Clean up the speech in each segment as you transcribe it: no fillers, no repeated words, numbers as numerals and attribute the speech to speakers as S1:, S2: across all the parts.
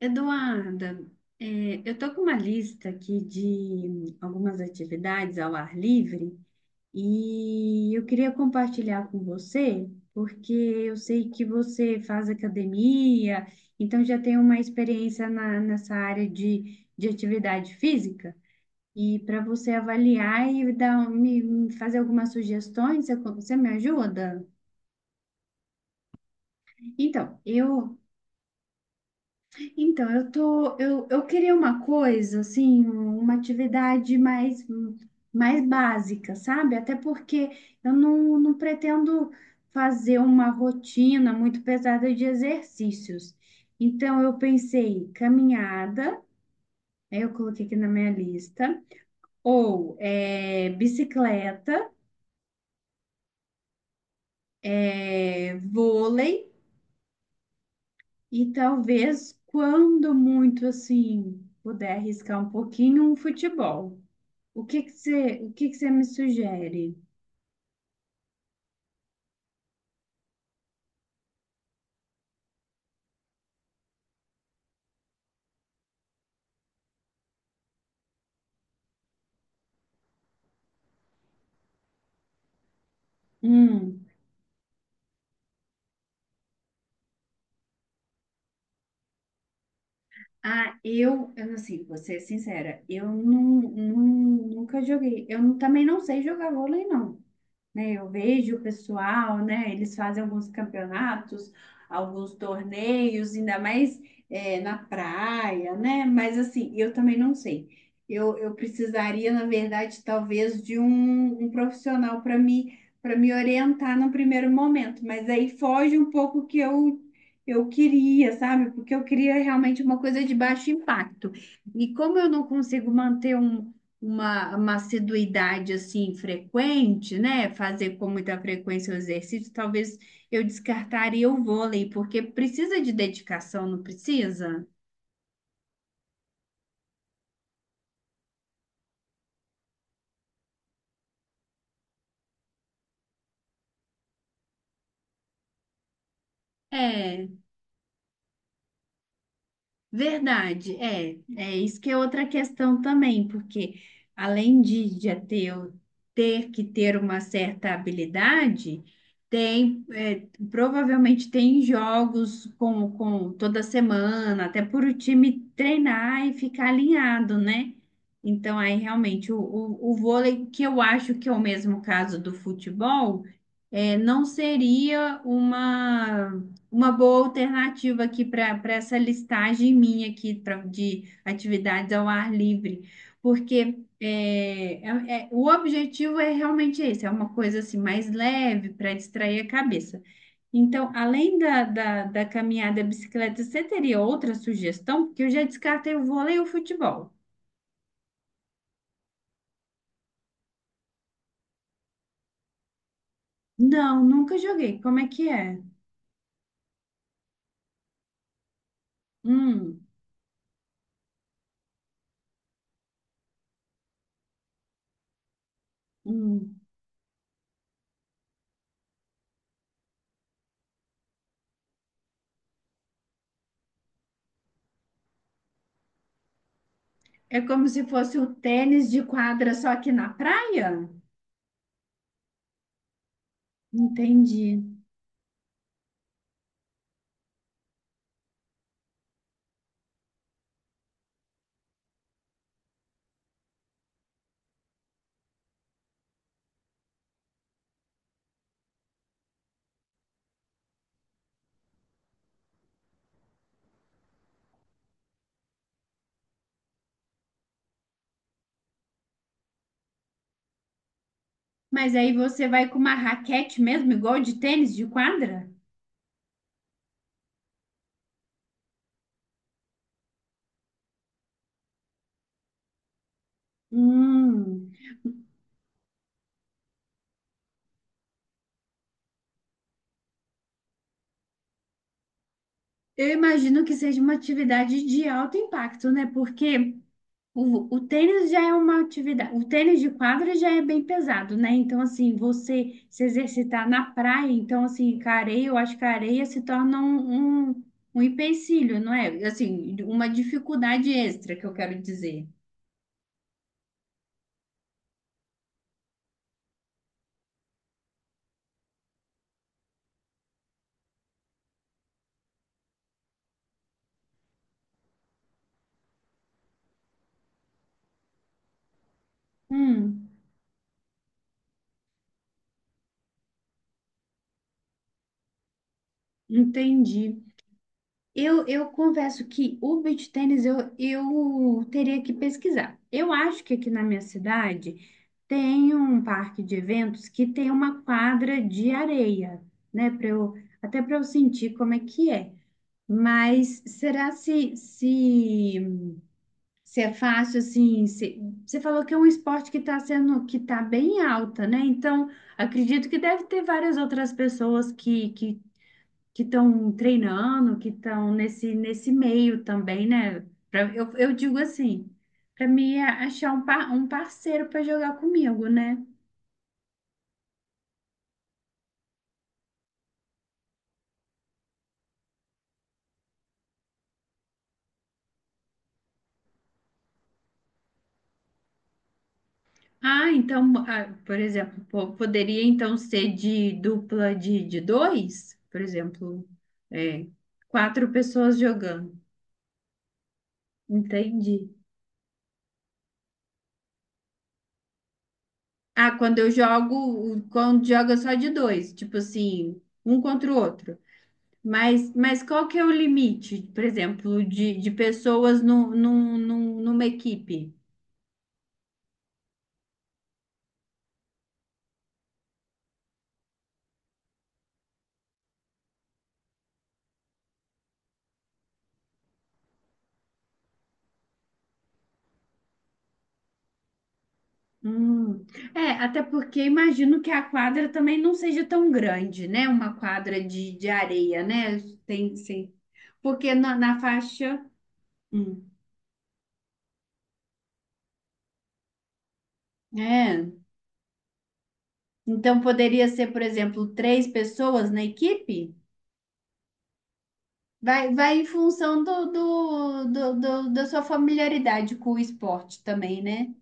S1: Eduarda, eu estou com uma lista aqui de algumas atividades ao ar livre e eu queria compartilhar com você, porque eu sei que você faz academia, então já tem uma experiência nessa área de atividade física. E para você avaliar e dar, me fazer algumas sugestões, você me ajuda? Então, eu. Então, eu queria uma coisa, assim, uma atividade mais básica, sabe? Até porque eu não, não pretendo fazer uma rotina muito pesada de exercícios. Então, eu pensei caminhada, aí eu coloquei aqui na minha lista, ou bicicleta, vôlei, e talvez, quando muito, assim, puder arriscar um pouquinho, um futebol. O que que você me sugere? Hum, ah, eu, assim, vou ser sincera, eu nunca joguei. Eu não- também não sei jogar vôlei, não, né? Eu vejo o pessoal, né? Eles fazem alguns campeonatos, alguns torneios, ainda mais na praia, né? Mas assim, eu também não sei. Eu precisaria, na verdade, talvez de um profissional para me orientar no primeiro momento, mas aí foge um pouco o que eu queria, sabe? Porque eu queria realmente uma coisa de baixo impacto. E como eu não consigo manter uma assiduidade assim frequente, né? Fazer com muita frequência o exercício, talvez eu descartaria o vôlei, porque precisa de dedicação, não precisa? É. Verdade, é isso que é outra questão também, porque além de já ter que ter uma certa habilidade, provavelmente tem jogos com toda semana, até por o time treinar e ficar alinhado, né? Então aí realmente o vôlei, que eu acho que é o mesmo caso do futebol, é, não seria uma boa alternativa aqui para essa listagem minha aqui pra, de atividades ao ar livre, porque o objetivo é realmente esse, é uma coisa assim mais leve para distrair a cabeça. Então, além da caminhada e bicicleta, você teria outra sugestão? Porque eu já descartei o vôlei e o futebol. Não, nunca joguei. Como é que é? Hum, hum. É como se fosse o tênis de quadra, só que na praia? Entendi. Mas aí você vai com uma raquete mesmo, igual de tênis de quadra? Hum, eu imagino que seja uma atividade de alto impacto, né? Porque o tênis já é uma atividade, o tênis de quadra já é bem pesado, né? Então, assim, você se exercitar na praia, então, assim, com a areia, eu acho que a areia se torna um empecilho, não é? Assim, uma dificuldade extra que eu quero dizer. Hum, entendi. Eu confesso que o beach tênis eu teria que pesquisar. Eu acho que aqui na minha cidade tem um parque de eventos que tem uma quadra de areia, né? Para eu, até para eu sentir como é que é. Mas será se é fácil assim? Você falou que é um esporte que está sendo que está bem alta, né? Então acredito que deve ter várias outras pessoas que estão treinando, que estão nesse meio também, né? Eu digo assim, para mim é achar um parceiro para jogar comigo, né? Ah, então, ah, por exemplo, poderia então ser de dupla de dois, por exemplo, é, quatro pessoas jogando. Entendi. Ah, quando eu jogo, quando joga só de dois, tipo assim, um contra o outro. Mas qual que é o limite, por exemplo, de pessoas num, num, num- numa equipe? Hum. É, até porque imagino que a quadra também não seja tão grande, né? Uma quadra de areia, né? Tem, sim. Porque na faixa. Hum, é. Então poderia ser, por exemplo, três pessoas na equipe? Vai, vai em função da sua familiaridade com o esporte também, né?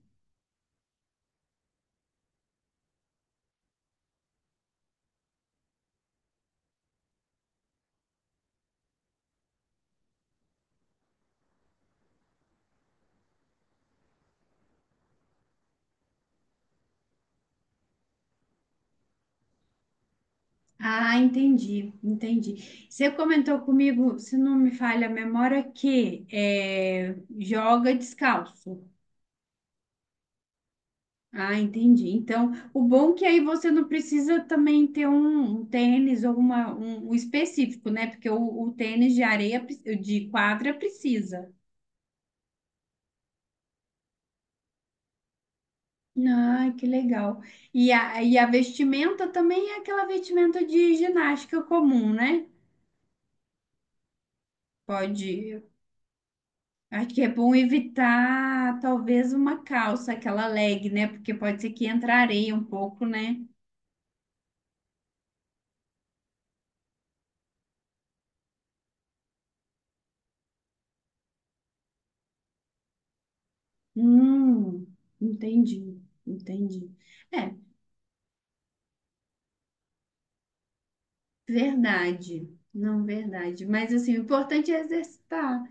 S1: Ah, entendi, entendi. Você comentou comigo, se não me falha a memória, que é, joga descalço. Ah, entendi. Então, o bom é que aí você não precisa também ter um tênis ou um específico, né? Porque o tênis de areia, de quadra precisa. Ah, que legal. E a vestimenta também é aquela vestimenta de ginástica comum, né? Pode. Acho que é bom evitar talvez uma calça, aquela leg, né? Porque pode ser que entre areia um pouco, né? Hum, entendi, entendi. É, verdade. Não, verdade. Mas assim, o importante é exercitar.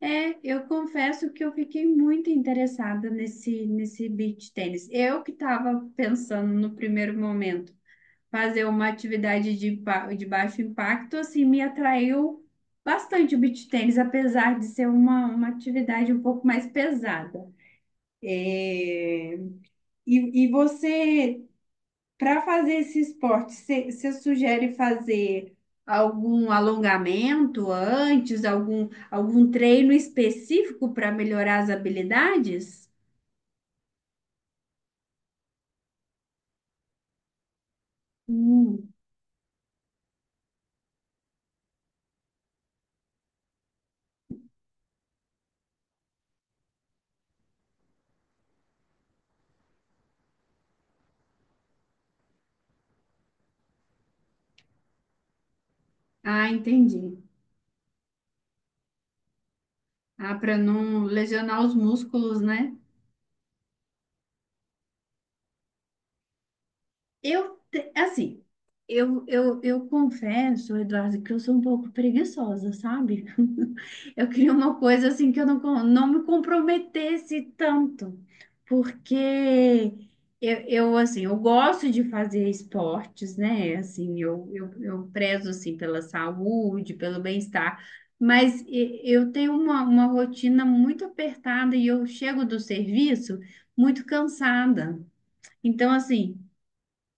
S1: É, eu confesso que eu fiquei muito interessada nesse beach tênis. Eu que estava pensando no primeiro momento fazer uma atividade de baixo impacto, assim, me atraiu bastante o beach tênis, apesar de ser uma atividade um pouco mais pesada. É, e você, para fazer esse esporte, você sugere fazer algum alongamento antes, algum treino específico para melhorar as habilidades? Hum. Ah, entendi. Ah, para não lesionar os músculos, né? Assim, eu confesso, Eduardo, que eu sou um pouco preguiçosa, sabe? Eu queria uma coisa assim que eu não, com- não me comprometesse tanto, porque eu, assim, eu gosto de fazer esportes, né? Assim, eu prezo, assim, pela saúde, pelo bem-estar, mas eu tenho uma rotina muito apertada e eu chego do serviço muito cansada. Então, assim,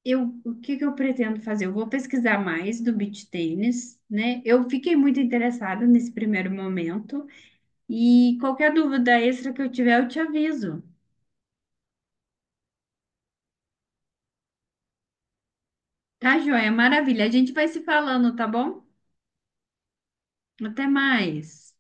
S1: eu, o que que eu pretendo fazer? Eu vou pesquisar mais do beach tênis, né? Eu fiquei muito interessada nesse primeiro momento e qualquer dúvida extra que eu tiver, eu te aviso. Tá, joia? Maravilha. A gente vai se falando, tá bom? Até mais.